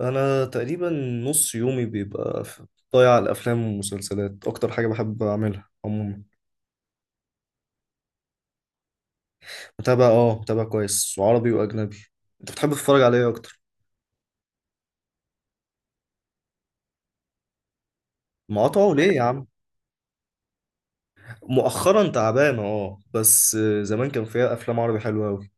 انا تقريبا نص يومي بيبقى ضايع على الافلام والمسلسلات. اكتر حاجه بحب اعملها عموما. متابع كويس، وعربي واجنبي. انت بتحب تتفرج على ايه اكتر؟ مقاطعه ليه يا عم؟ مؤخرا تعبان اه، بس زمان كان فيها افلام عربي حلوه قوي.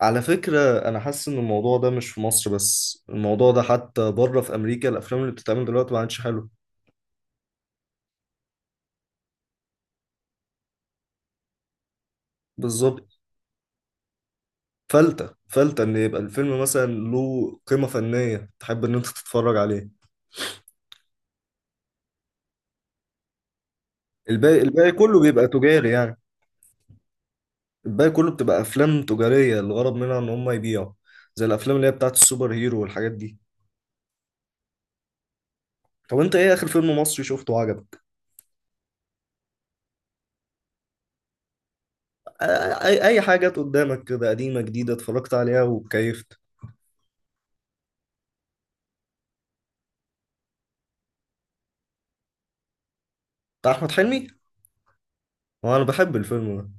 على فكره، انا حاسس ان الموضوع ده مش في مصر بس، الموضوع ده حتى بره في امريكا الافلام اللي بتتعمل دلوقتي ما عادش حلوه. بالظبط. فلتة فلتة ان يبقى الفيلم مثلا له قيمه فنيه تحب ان انت تتفرج عليه. الباقي كله بيبقى تجاري يعني. الباقي كله بتبقى افلام تجاريه، الغرض منها ان هم يبيعوا، زي الافلام اللي هي بتاعت السوبر هيرو والحاجات دي. طب انت ايه اخر فيلم مصري شفته وعجبك؟ آ- اي حاجه جت قدامك كده، قديمه جديده، اتفرجت عليها وكيفت. بتاع احمد حلمي. هو انا بحب الفيلم ده،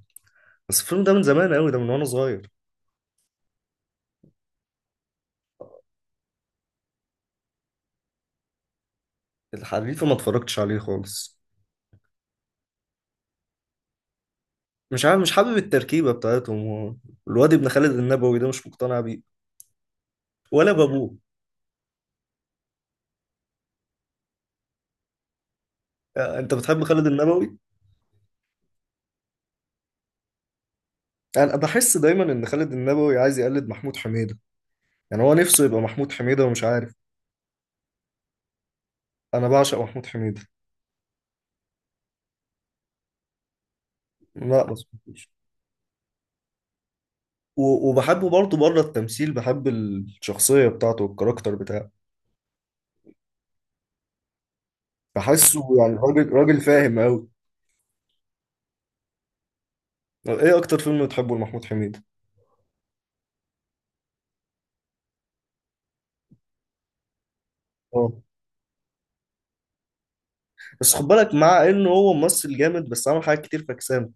بس الفيلم ده من زمان قوي، ده من وانا صغير. الحريفه ما اتفرجتش عليه خالص. مش عارف، مش حابب التركيبه بتاعتهم هو. الواد ابن خالد النبوي ده مش مقتنع بيه ولا بابوه. آه، انت بتحب خالد النبوي. انا بحس دايما ان خالد النبوي عايز يقلد محمود حميدة. يعني هو نفسه يبقى محمود حميدة ومش عارف. انا بعشق محمود حميدة. لا، ما سمعتوش. وبحبه برضه بره التمثيل، بحب الشخصية بتاعته والكاركتر بتاعه. بحسه يعني راجل راجل فاهم قوي. ايه اكتر فيلم بتحبه لمحمود حميدة؟ اه، بس خد بالك مع انه هو ممثل جامد بس عمل حاجات كتير فكسانة.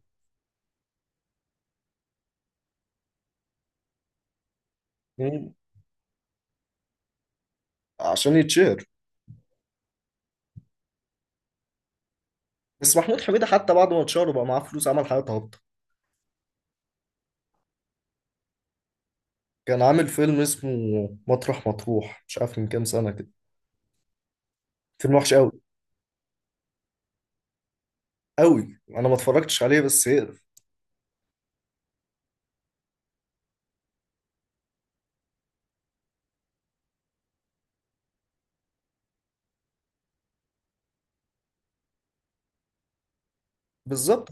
مم. عشان يتشهر. بس محمود حميدة حتى بعد ما اتشهر وبقى معاه فلوس عمل حاجات هابطة. كان عامل فيلم اسمه مطرح مطروح، مش عارف، من كام سنة كده. فيلم وحش قوي قوي، انا ما اتفرجتش عليه بس يقرف. بالظبط.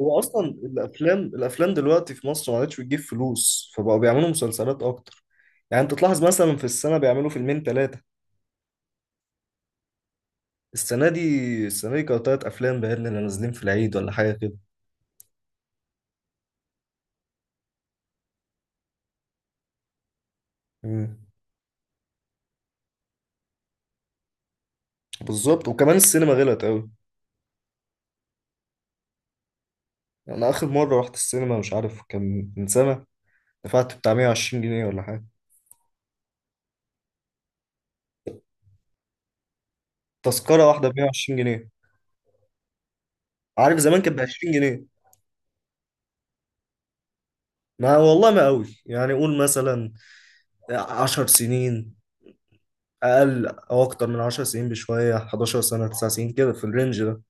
هو اصلا الافلام دلوقتي في مصر ما عادتش بتجيب فلوس، فبقوا بيعملوا مسلسلات اكتر. يعني انت تلاحظ مثلا في السنه بيعملوا فيلمين ثلاثه. السنه دي السنه دي كانوا 3 افلام باين اللي نازلين في العيد ولا حاجه كده. مم. بالظبط. وكمان السينما غلت قوي. انا اخر مره رحت السينما مش عارف كان من سنه. دفعت بتاع 120 جنيه ولا حاجه. تذكره واحده ب 120 جنيه. عارف زمان كانت ب 20 جنيه. ما والله ما قوي يعني، قول مثلا 10 سنين، أقل أو أكتر من 10 سنين بشوية، 11 سنة 9 سنين كده، في الرينج ده.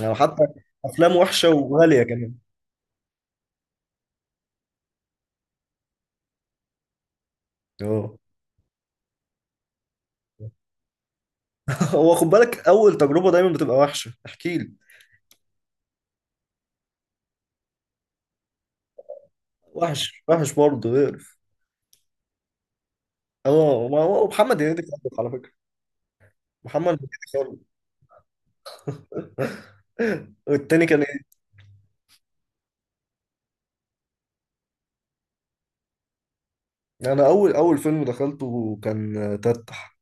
يعني حتى أفلام وحشة وغالية كمان. أه. هو خد بالك أول تجربة دايما بتبقى وحشة، احكي لي. وحش وحش برضه اقرف. أه، ما هو محمد هنيدي خالد على فكرة. محمد هنيدي خالد. والتاني كان ايه؟ انا اول فيلم دخلته كان تتح.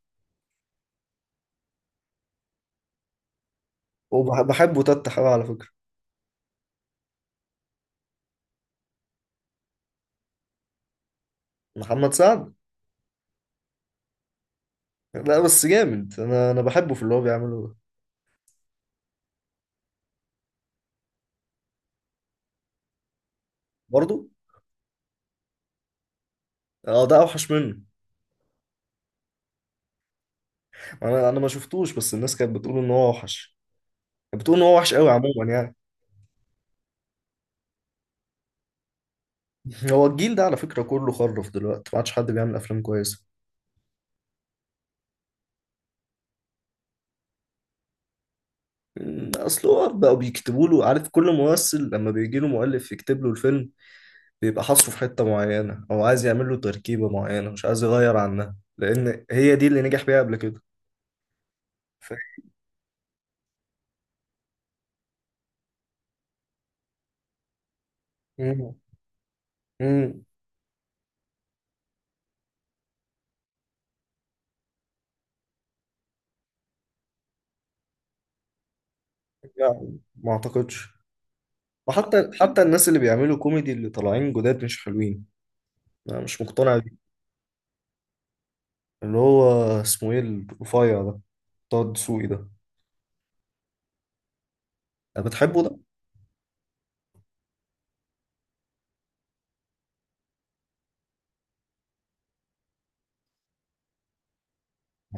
وبحبه تتح قوي على فكره. محمد سعد. لا بس جامد، انا بحبه في اللي هو بيعمله ده. برضه. اه، ده اوحش منه. انا ما شفتوش بس الناس كانت بتقول ان هو اوحش. كانت بتقول ان هو وحش قوي عموما يعني. هو الجيل ده على فكره كله خرف دلوقتي، ما عادش حد بيعمل افلام كويسه. اصل هو بقوا بيكتبوا له، عارف، كل ممثل لما بيجي له مؤلف يكتب له الفيلم بيبقى حاصره في حته معينه، او عايز يعمل له تركيبه معينه مش عايز يغير عنها لان هي دي اللي نجح بيها قبل كده. ف... أمم، أمم، يعني ما اعتقدش. وحتى الناس اللي بيعملوا كوميدي اللي طالعين جداد مش حلوين. انا مش مقتنع. اللي هو اسمه ايه الرفيع ده، بتاع الدسوقي ده. انا بتحبه ده.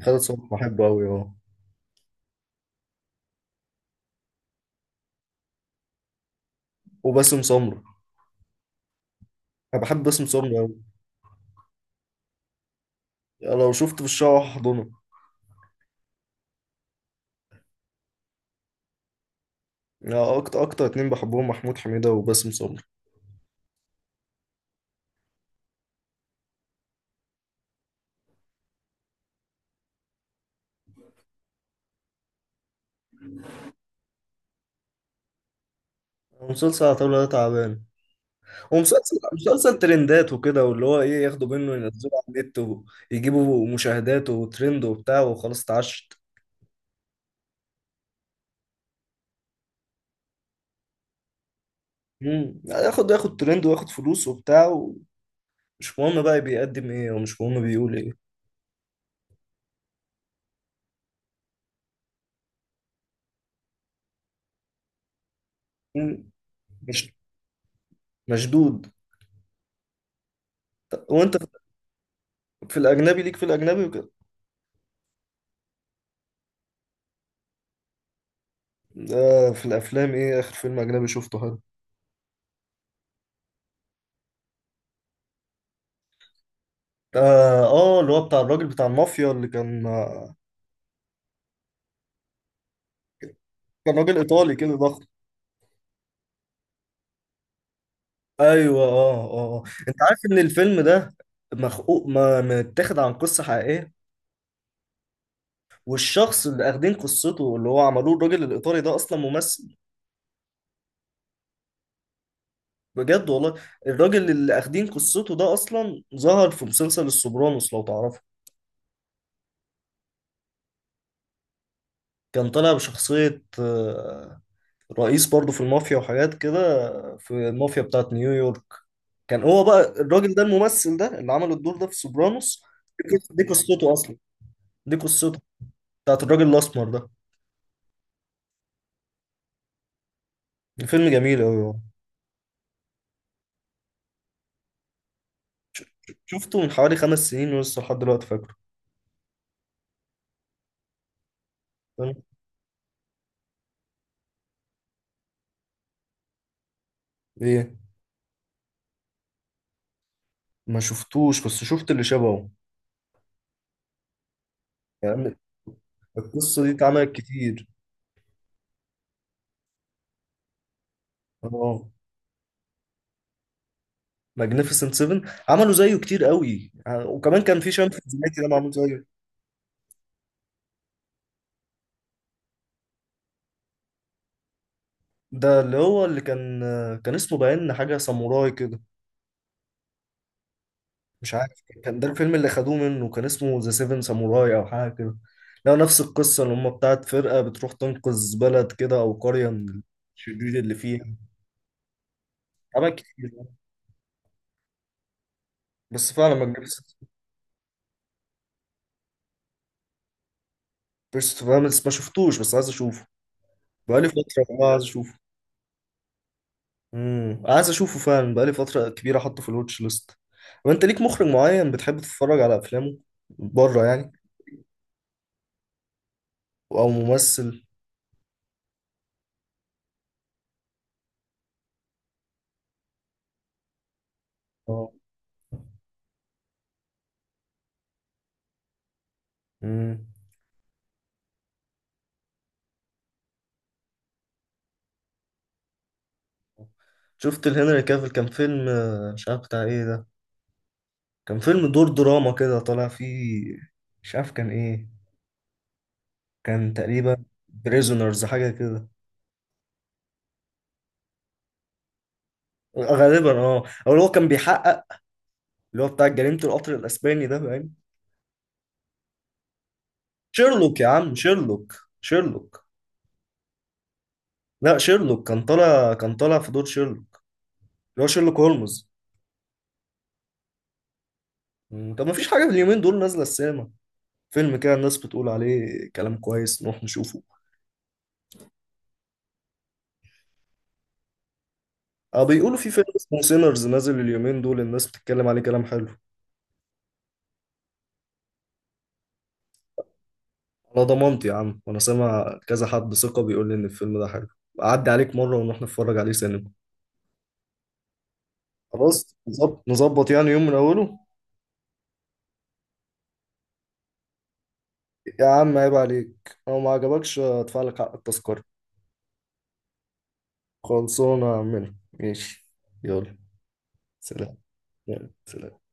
خالد صبحي بحبه قوي، اه. وباسم سمرة. انا بحب باسم سمرة قوي. لو شفت في الشارع هحضنه. لا، اكتر اكتر اتنين بحبهم محمود حميدة وباسم سمرة. مسلسل عتاولة ده تعبان. ومسلسل ترندات وكده، واللي هو ايه، ياخدوا منه ينزلوا على النت ويجيبوا مشاهدات وترند وبتاع وخلاص اتعشت. ياخد ترند وياخد فلوس وبتاع، ومش مهم بقى بيقدم ايه ومش مهم بيقول ايه. مم. مش مشدود. وانت في الاجنبي ليك، في الاجنبي وكده. آه، في الافلام، ايه اخر فيلم اجنبي شفته حلو؟ اه اه، اللي هو بتاع الراجل بتاع المافيا اللي كان آه. كان راجل ايطالي كده ضخم. ايوه اه اه، انت عارف ان الفيلم ده مخقوق ما متاخد عن قصه حقيقيه؟ والشخص اللي اخدين قصته اللي هو عملوه الراجل الايطالي ده اصلا ممثل. بجد والله. الراجل اللي اخدين قصته ده اصلا ظهر في مسلسل السوبرانوس لو تعرفه. كان طالع بشخصيه آه، رئيس برضه في المافيا وحاجات كده، في المافيا بتاعت نيويورك. كان هو بقى الراجل ده الممثل ده اللي عمل الدور ده في سوبرانوس. دي قصته اصلا. دي قصته بتاعت الراجل الاسمر ده. الفيلم جميل قوي. شفته من حوالي 5 سنين ولسه لحد دلوقتي فاكره. فاهم؟ ايه، ما شفتوش بس شفت اللي شبهه يعني. القصه دي اتعملت كتير. اه. ماجنيفيسنت 7. عملوا زيه كتير قوي وكمان كان في شان في زناتي ده معمول زيه. ده اللي هو اللي كان اسمه باين حاجه ساموراي كده، مش عارف كان ده الفيلم اللي خدوه منه. كان اسمه ذا سيفن ساموراي او حاجه كده. لا، نفس القصه اللي هم بتاعت فرقه بتروح تنقذ بلد كده او قريه من الشرير اللي فيها. عمل كتير. بس فعلا ما جبتش. بيرست فاملز ما شفتوش بس عايز اشوفه، بقالي فتره. والله عايز اشوفه. عايز اشوفه فعلا، بقالي فتره كبيره. احطه في الواتش ليست. وانت ليك مخرج معين بتحب تتفرج على افلامه بره يعني؟ او ممثل؟ اه. امم شفت الهنري كافيل كان فيلم آه، مش عارف بتاع ايه ده. كان فيلم دور دراما كده طالع فيه. مش عارف كان ايه. كان تقريبا بريزونرز حاجة كده. غالبا اه، او اللي هو كان بيحقق، اللي هو بتاع جريمة القطر الاسباني ده، فاهم؟ شيرلوك يا عم، شيرلوك. شيرلوك. لا، شيرلوك كان طالع في دور شيرلوك، اللي هو شيرلوك هولمز. طب ما فيش حاجة في اليومين دول نازلة السينما، فيلم كده الناس بتقول عليه كلام كويس نروح نشوفه؟ اه، بيقولوا في فيلم اسمه سينرز نازل اليومين دول الناس بتتكلم عليه كلام حلو. على ضمانتي يا عم، وانا سامع كذا حد ثقة بيقول لي ان الفيلم ده حلو. اعدي عليك مرة ونروح نتفرج عليه سينما. خلاص، نظبط نظبط يعني، يوم من اوله. يا عم عيب عليك، لو ما عجبكش ادفع لك حق التذكرة. خلصونا منه، ماشي. يلا سلام. يلا سلام.